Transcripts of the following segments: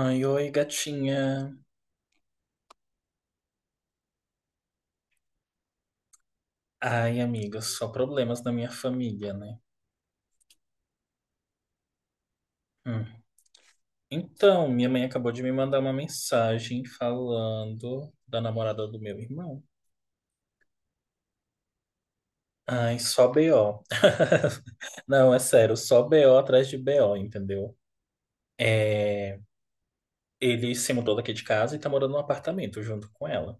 Ai, oi, gatinha. Ai, amiga, só problemas na minha família, né? Hum. Então, minha mãe acabou de me mandar uma mensagem falando da namorada do meu irmão. Ai, só BO. Não, é sério, só BO atrás de BO, entendeu? É, ele se mudou daqui de casa e tá morando num apartamento junto com ela.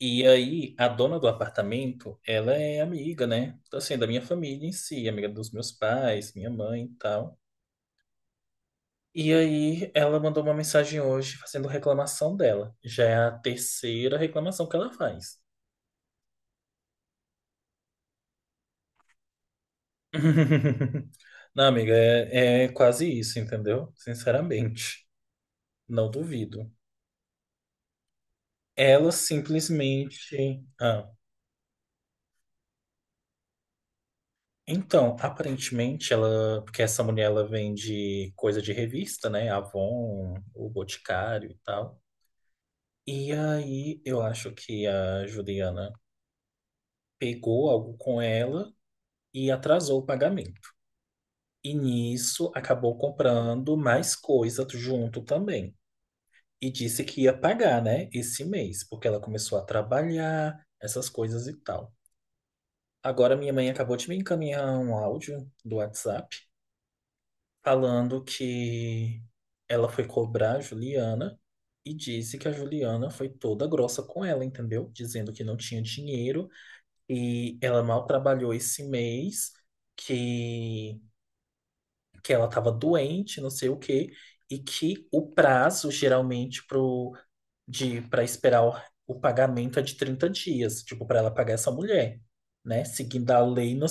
E aí, a dona do apartamento, ela é amiga, né? Assim, da minha família em si, amiga dos meus pais, minha mãe e tal. E aí, ela mandou uma mensagem hoje fazendo reclamação dela. Já é a terceira reclamação que ela faz. Não, amiga, é quase isso, entendeu? Sinceramente, não duvido. Ela simplesmente. Então, aparentemente, ela. Porque essa mulher ela vende coisa de revista, né? Avon, o Boticário e tal. E aí, eu acho que a Juliana pegou algo com ela e atrasou o pagamento. E nisso acabou comprando mais coisa junto também. E disse que ia pagar, né, esse mês, porque ela começou a trabalhar, essas coisas e tal. Agora minha mãe acabou de me encaminhar um áudio do WhatsApp falando que ela foi cobrar a Juliana e disse que a Juliana foi toda grossa com ela, entendeu? Dizendo que não tinha dinheiro e ela mal trabalhou esse mês, que que ela estava doente, não sei o quê, e que o prazo geralmente pro, de para esperar o pagamento é de 30 dias, tipo, para ela pagar essa mulher, né? Seguindo a lei no,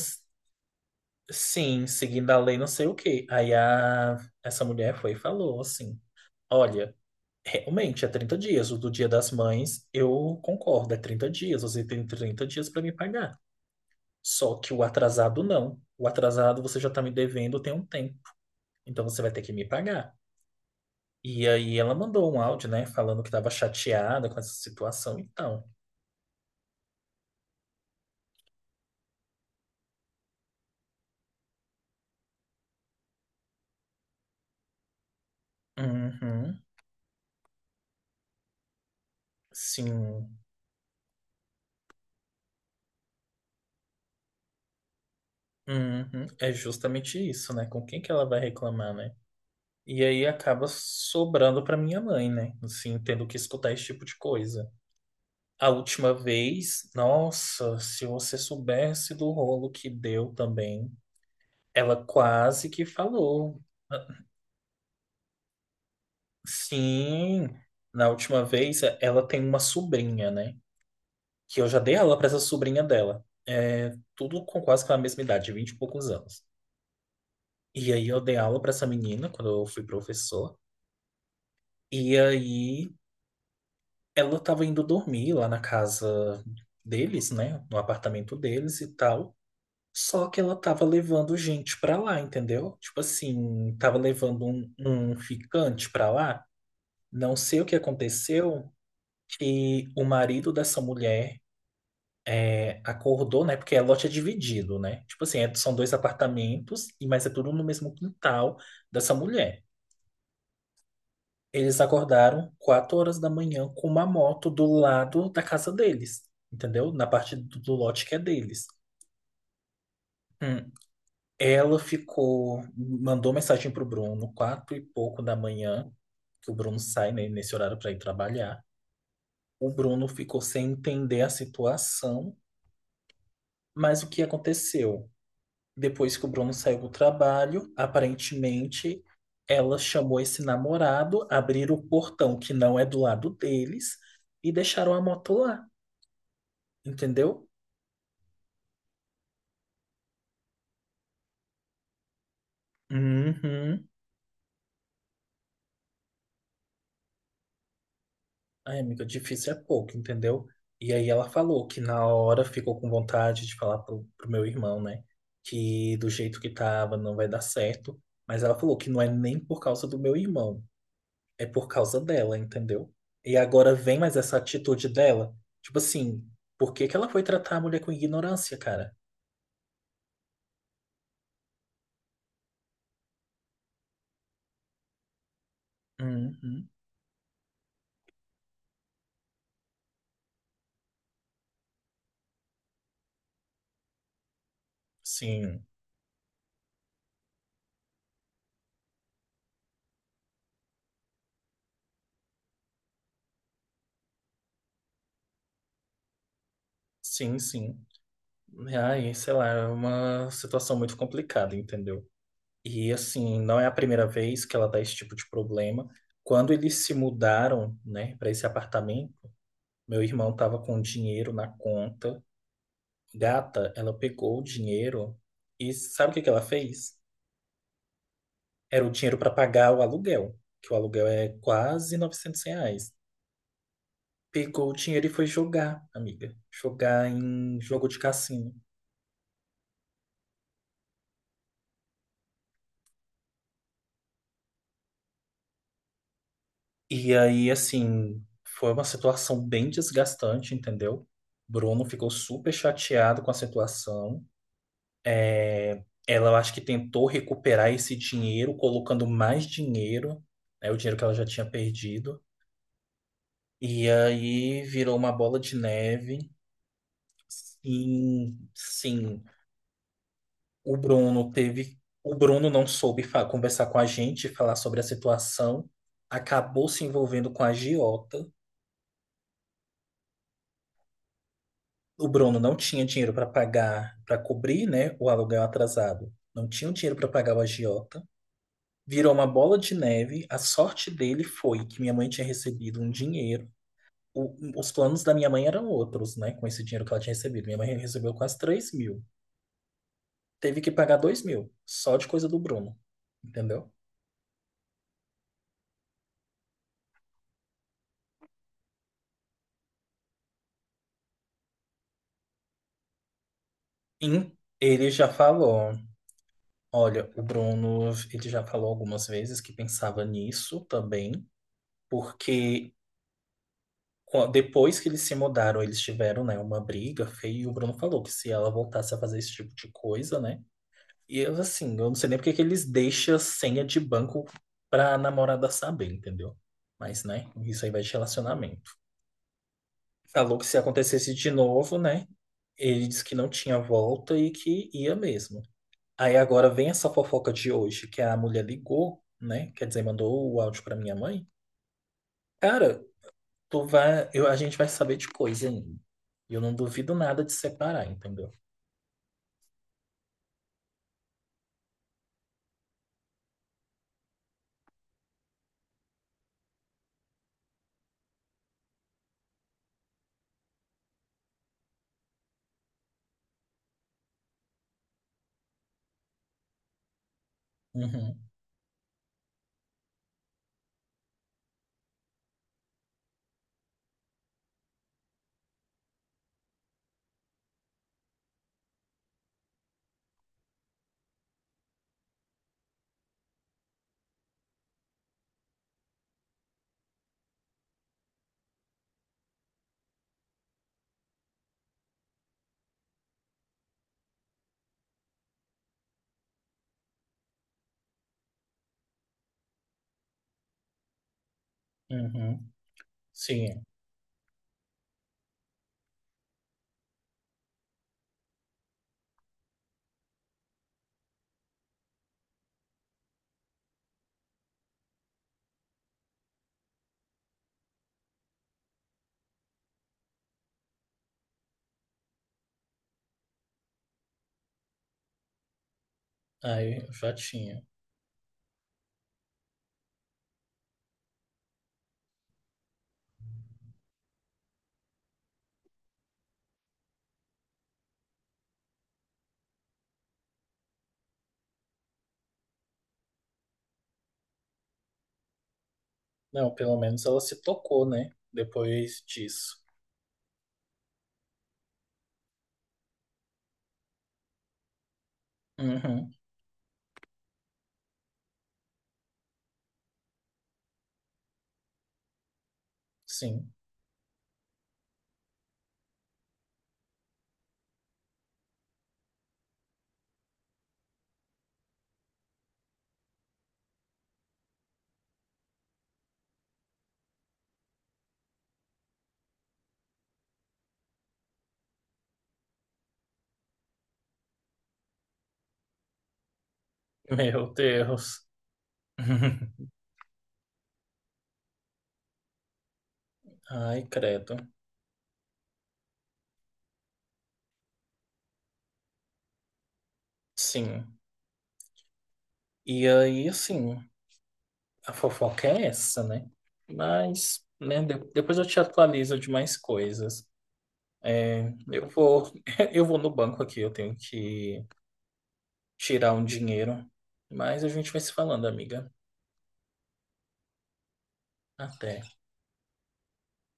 sim, seguindo a lei não sei o quê. Essa mulher foi e falou assim: "Olha, realmente é 30 dias, o do Dia das Mães, eu concordo, é 30 dias, você tem trinta dias para me pagar. Só que o atrasado não. O atrasado você já está me devendo tem um tempo. Então você vai ter que me pagar. E aí ela mandou um áudio, né, falando que estava chateada com essa situação e tal. Uhum, sim. Uhum, é justamente isso, né? Com quem que ela vai reclamar, né? E aí acaba sobrando para minha mãe, né? Assim, tendo que escutar esse tipo de coisa. A última vez, nossa, se você soubesse do rolo que deu também, ela quase que falou. Ah, sim, na última vez ela tem uma sobrinha, né? Que eu já dei aula para essa sobrinha dela. É, tudo com quase que a mesma idade, vinte e poucos anos. E aí eu dei aula para essa menina quando eu fui professor. E aí ela estava indo dormir lá na casa deles, né? No apartamento deles e tal. Só que ela tava levando gente pra lá, entendeu? Tipo assim, tava levando um ficante pra lá. Não sei o que aconteceu, que o marido dessa mulher é, acordou, né? Porque é lote é dividido, né? Tipo assim, são dois apartamentos, e mas é tudo no mesmo quintal dessa mulher. Eles acordaram quatro horas da manhã com uma moto do lado da casa deles, entendeu? Na parte do lote que é deles. Hum. Ela ficou, mandou mensagem pro Bruno, quatro e pouco da manhã, que o Bruno sai, né, nesse horário para ir trabalhar. O Bruno ficou sem entender a situação, mas o que aconteceu? Depois que o Bruno saiu do trabalho, aparentemente ela chamou esse namorado, abriram o portão que não é do lado deles e deixaram a moto lá, entendeu? Uhum. Ai, amiga, difícil é pouco, entendeu? E aí ela falou que na hora ficou com vontade de falar pro meu irmão, né? Que do jeito que tava não vai dar certo. Mas ela falou que não é nem por causa do meu irmão, é por causa dela, entendeu? E agora vem mais essa atitude dela. Tipo assim, por que que ela foi tratar a mulher com ignorância, cara? Uhum. Sim, sim, sim. Ai, sei lá, é uma situação muito complicada, entendeu? E assim, não é a primeira vez que ela dá esse tipo de problema. Quando eles se mudaram, né, para esse apartamento, meu irmão tava com dinheiro na conta. Gata, ela pegou o dinheiro e sabe o que que ela fez? Era o dinheiro para pagar o aluguel, que o aluguel é quase 900 reais. Pegou o dinheiro e foi jogar, amiga. Jogar em jogo de cassino. E aí, assim, foi uma situação bem desgastante, entendeu? Bruno ficou super chateado com a situação. É, ela, eu acho que tentou recuperar esse dinheiro, colocando mais dinheiro, né, o dinheiro que ela já tinha perdido. E aí virou uma bola de neve. Sim, sim. O Bruno teve, o Bruno não soube conversar com a gente, falar sobre a situação, acabou se envolvendo com a agiota. O Bruno não tinha dinheiro para pagar, para cobrir, né, o aluguel atrasado. Não tinha o dinheiro para pagar o agiota. Virou uma bola de neve. A sorte dele foi que minha mãe tinha recebido um dinheiro. Os planos da minha mãe eram outros, né? Com esse dinheiro que ela tinha recebido. Minha mãe recebeu quase 3 mil. Teve que pagar 2 mil, só de coisa do Bruno, entendeu? E ele já falou. Olha, o Bruno, ele já falou algumas vezes que pensava nisso também, porque depois que eles se mudaram, eles tiveram, né, uma briga feia, e o Bruno falou que se ela voltasse a fazer esse tipo de coisa, né? E eu, assim, eu não sei nem porque que eles deixam a senha de banco pra namorada saber, entendeu? Mas, né, isso aí vai de relacionamento. Falou que se acontecesse de novo, né, ele disse que não tinha volta e que ia mesmo. Aí agora vem essa fofoca de hoje, que a mulher ligou, né? Quer dizer, mandou o áudio pra minha mãe. Cara, a gente vai saber de coisa ainda. E eu não duvido nada de separar, entendeu? Uhum, uhum. Sim, aí eu já tinha. Não, pelo menos ela se tocou, né? Depois disso. Uhum, sim. Meu Deus. Ai, credo. Sim. E aí, assim, a fofoca é essa, né? Mas, né, depois eu te atualizo de mais coisas. É, eu vou, eu vou no banco aqui, eu tenho que tirar um dinheiro. Mas a gente vai se falando, amiga. Até.